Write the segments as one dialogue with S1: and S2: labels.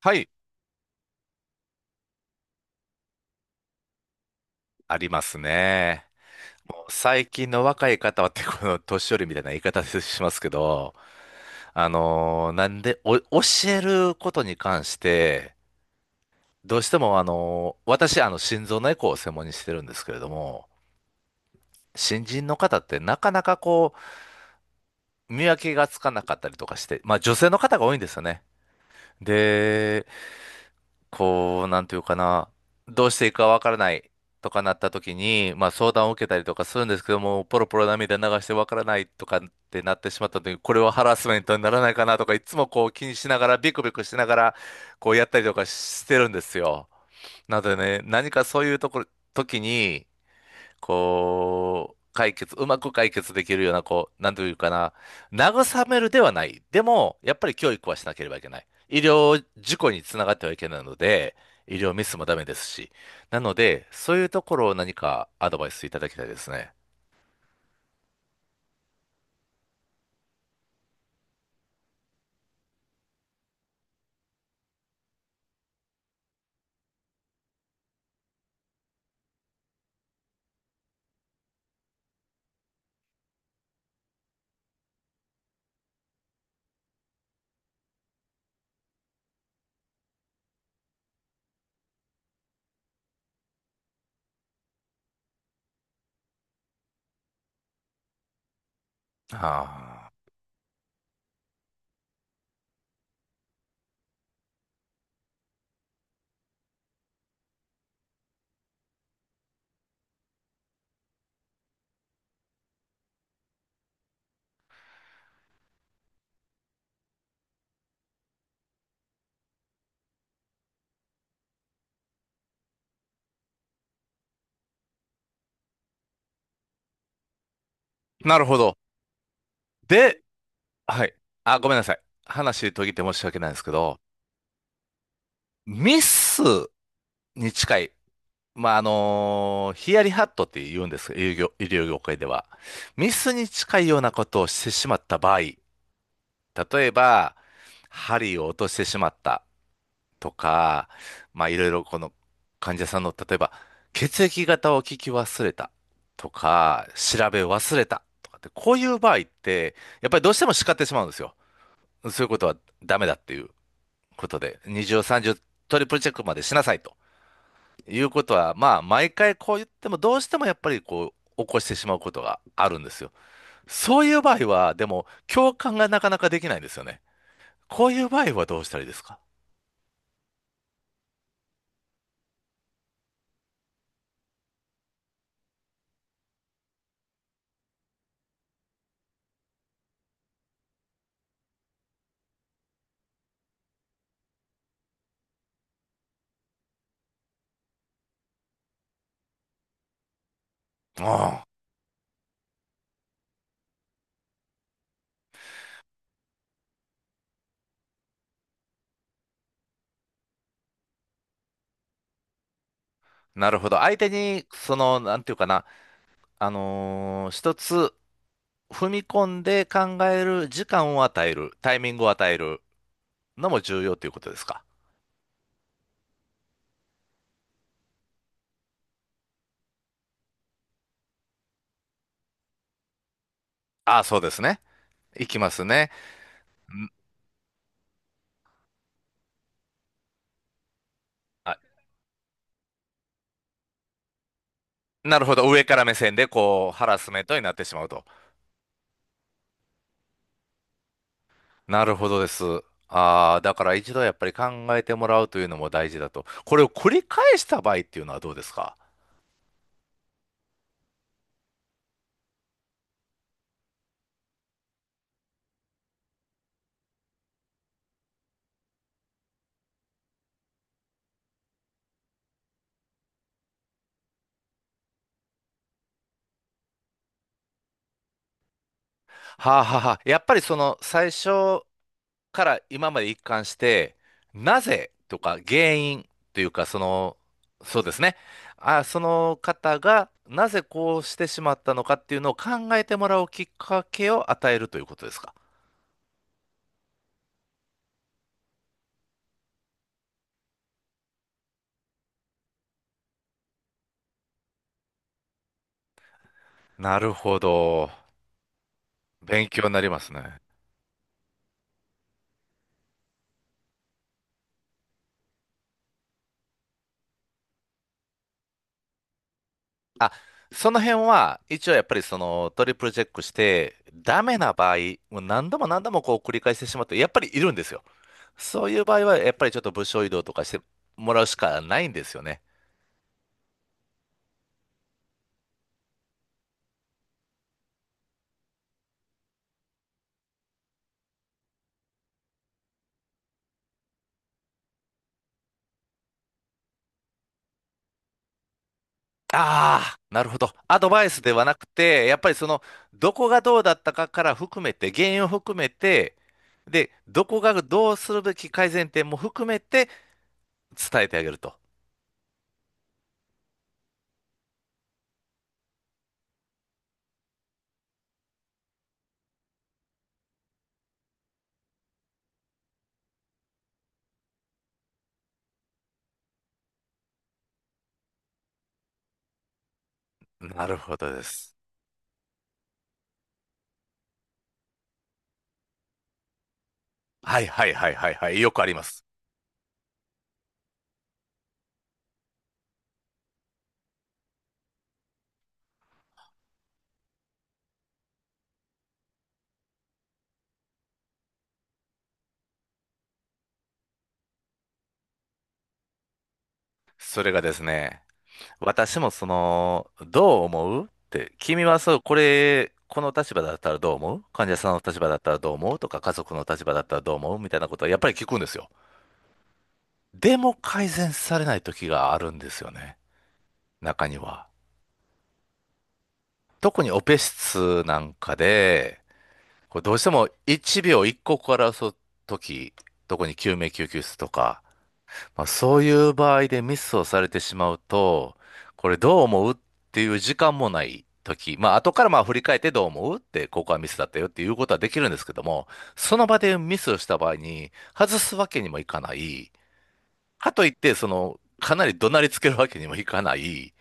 S1: はい、ありますね。もう最近の若い方はってこの年寄りみたいな言い方しますけど、なんで、教えることに関して、どうしても私、心臓のエコーを専門にしてるんですけれども、新人の方ってなかなかこう、見分けがつかなかったりとかして、まあ女性の方が多いんですよね。で、こう、なんていうかな、どうしていいかわからないとかなった時に、まあ相談を受けたりとかするんですけども、ポロポロ涙流してわからないとかってなってしまった時に、これはハラスメントにならないかなとか、いつもこう気にしながら、ビクビクしながら、こうやったりとかしてるんですよ。なのでね、何かそういうところ、時に、こう、うまく解決できるような、こう、なんていうかな、慰めるではない。でも、やっぱり教育はしなければいけない。医療事故につながってはいけないので、医療ミスもダメですし。なので、そういうところを何かアドバイスいただきたいですね。はあ。なるほど。で、はい。あ、ごめんなさい。話途切って申し訳ないんですけど、ミスに近い。まあ、ヒヤリハットって言うんですが医療業、医療業界では。ミスに近いようなことをしてしまった場合、例えば、針を落としてしまったとか、まあ、いろいろこの患者さんの、例えば、血液型を聞き忘れたとか、調べ忘れたとかって、こういう場合って、やっぱりどうしても叱ってしまうんですよ。そういうことはダメだっていうことで、二重三重トリプルチェックまでしなさいと。いうことは、まあ、毎回こう言っても、どうしてもやっぱりこう、起こしてしまうことがあるんですよ。そういう場合は、でも、共感がなかなかできないんですよね。こういう場合はどうしたらいいですか？ああ、なるほど。相手に、その、なんていうかな、一つ踏み込んで考える時間を与える、タイミングを与えるのも重要ということですか？ああ、そうですね。いきますね。ん。あ、なるほど。上から目線で、こう、ハラスメントになってしまうと。なるほどです。ああ、だから一度やっぱり考えてもらうというのも大事だと。これを繰り返した場合っていうのはどうですか？はあはあはあ。やっぱりその最初から今まで一貫して、なぜとか原因というか、その、そうですね。あ、その方がなぜこうしてしまったのかっていうのを考えてもらうきっかけを与えるということですか？なるほど。勉強になりますね。あ、その辺は、一応やっぱりそのトリプルチェックして、ダメな場合、もう何度も何度もこう繰り返してしまって、やっぱりいるんですよ。そういう場合は、やっぱりちょっと部署移動とかしてもらうしかないんですよね。ああ、なるほど。アドバイスではなくて、やっぱりその、どこがどうだったかから含めて、原因を含めて、で、どこがどうするべき改善点も含めて伝えてあげると。なるほどです。はいはいはいはいはい。よくあります。それがですね、私もその、どう思うって、君はそう、これ、この立場だったらどう思う患者さんの立場だったらどう思うとか、家族の立場だったらどう思うみたいなことはやっぱり聞くんですよ。でも改善されない時があるんですよね。中には。特にオペ室なんかで、こうどうしても1秒1から争う時、特に救命救急室とか、まあ、そういう場合でミスをされてしまうと、これどう思うっていう時間もない時、まあ後からまあ振り返ってどう思うって、ここはミスだったよっていうことはできるんですけども、その場でミスをした場合に外すわけにもいかない。かといって、その、かなり怒鳴りつけるわけにもいかない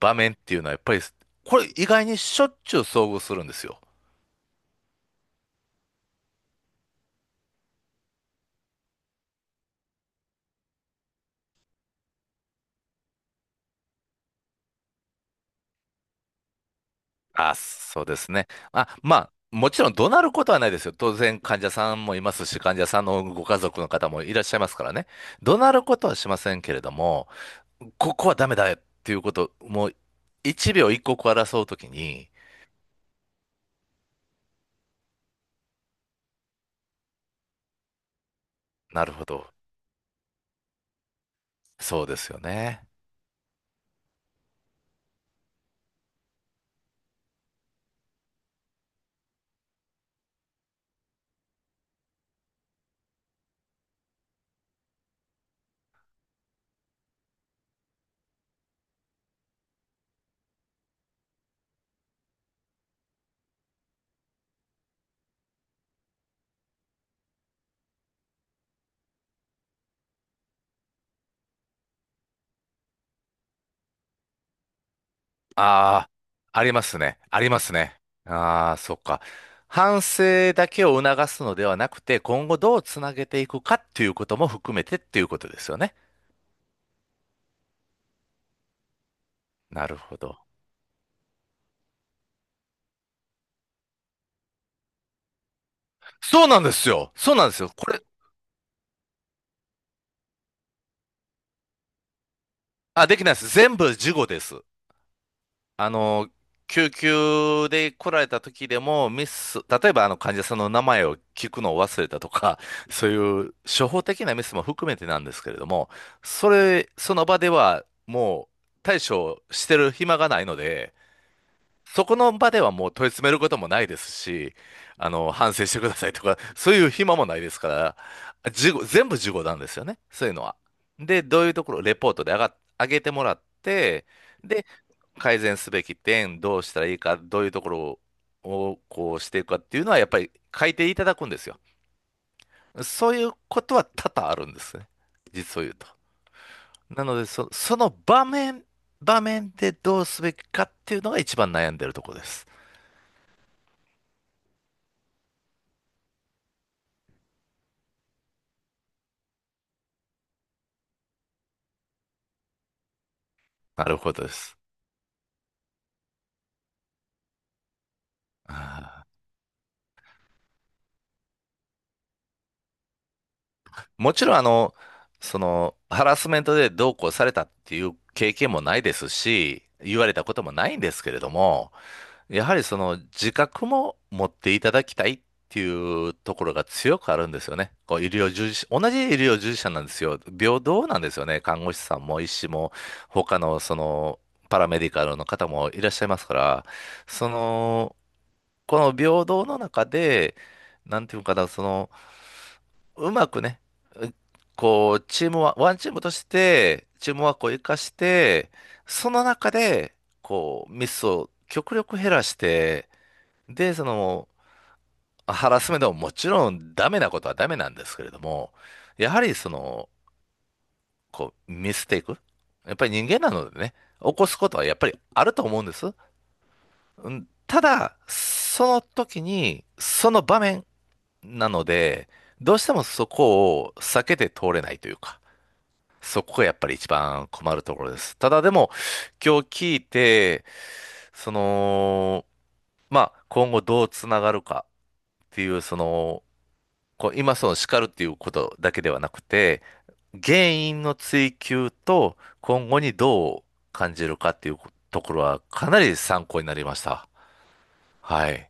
S1: 場面っていうのはやっぱり、これ意外にしょっちゅう遭遇するんですよ。あ、そうですね。あ、まあ、もちろん怒鳴ることはないですよ。当然患者さんもいますし、患者さんのご家族の方もいらっしゃいますからね。怒鳴ることはしませんけれども、ここはダメだよっていうこと、もう一秒一刻を争うときに、なるほど。そうですよね。ああ、ありますね。ありますね。ああ、そっか。反省だけを促すのではなくて、今後どうつなげていくかっていうことも含めてっていうことですよね。なるほど。そうなんですよ。そうなんですよ。これ、あ、できないです。全部事後です。あの、救急で来られた時でも、ミス、例えばあの患者さんの名前を聞くのを忘れたとか、そういう処方的なミスも含めてなんですけれども、それ、その場ではもう対処してる暇がないので、そこの場ではもう問い詰めることもないですし、反省してくださいとか、そういう暇もないですから、事後、全部事後なんですよね、そういうのは。で、どういうところ、レポートで上げてもらって、で、改善すべき点、どうしたらいいか、どういうところをこうしていくかっていうのは、やっぱり書いていただくんですよ。そういうことは多々あるんですね、実を言うと。なので、その場面、場面でどうすべきかっていうのが一番悩んでるところです。なるほどです。あもちろん、ハラスメントでどうこうされたっていう経験もないですし、言われたこともないんですけれども、やはりその自覚も持っていただきたいっていうところが強くあるんですよね。こう、医療従事者、同じ医療従事者なんですよ。平等なんですよね。看護師さんも医師も、他のその、パラメディカルの方もいらっしゃいますから、その、この平等の中で、なんていうのかな、うまくね、うこう、チームは、ワンチームとして、チームワークを生かして、その中で、こう、ミスを極力減らして、で、その、ハラスメントももちろんダメなことはダメなんですけれども、やはりその、こう、ミステイク。やっぱり人間なのでね、起こすことはやっぱりあると思うんです。うん。ただ、その時に、その場面なので、どうしてもそこを避けて通れないというか。そこがやっぱり一番困るところです。ただでも、今日聞いて、その、まあ、今後どうつながるかっていう、その、こう今その叱るっていうことだけではなくて、原因の追求と今後にどう感じるかっていうところはかなり参考になりました。はい。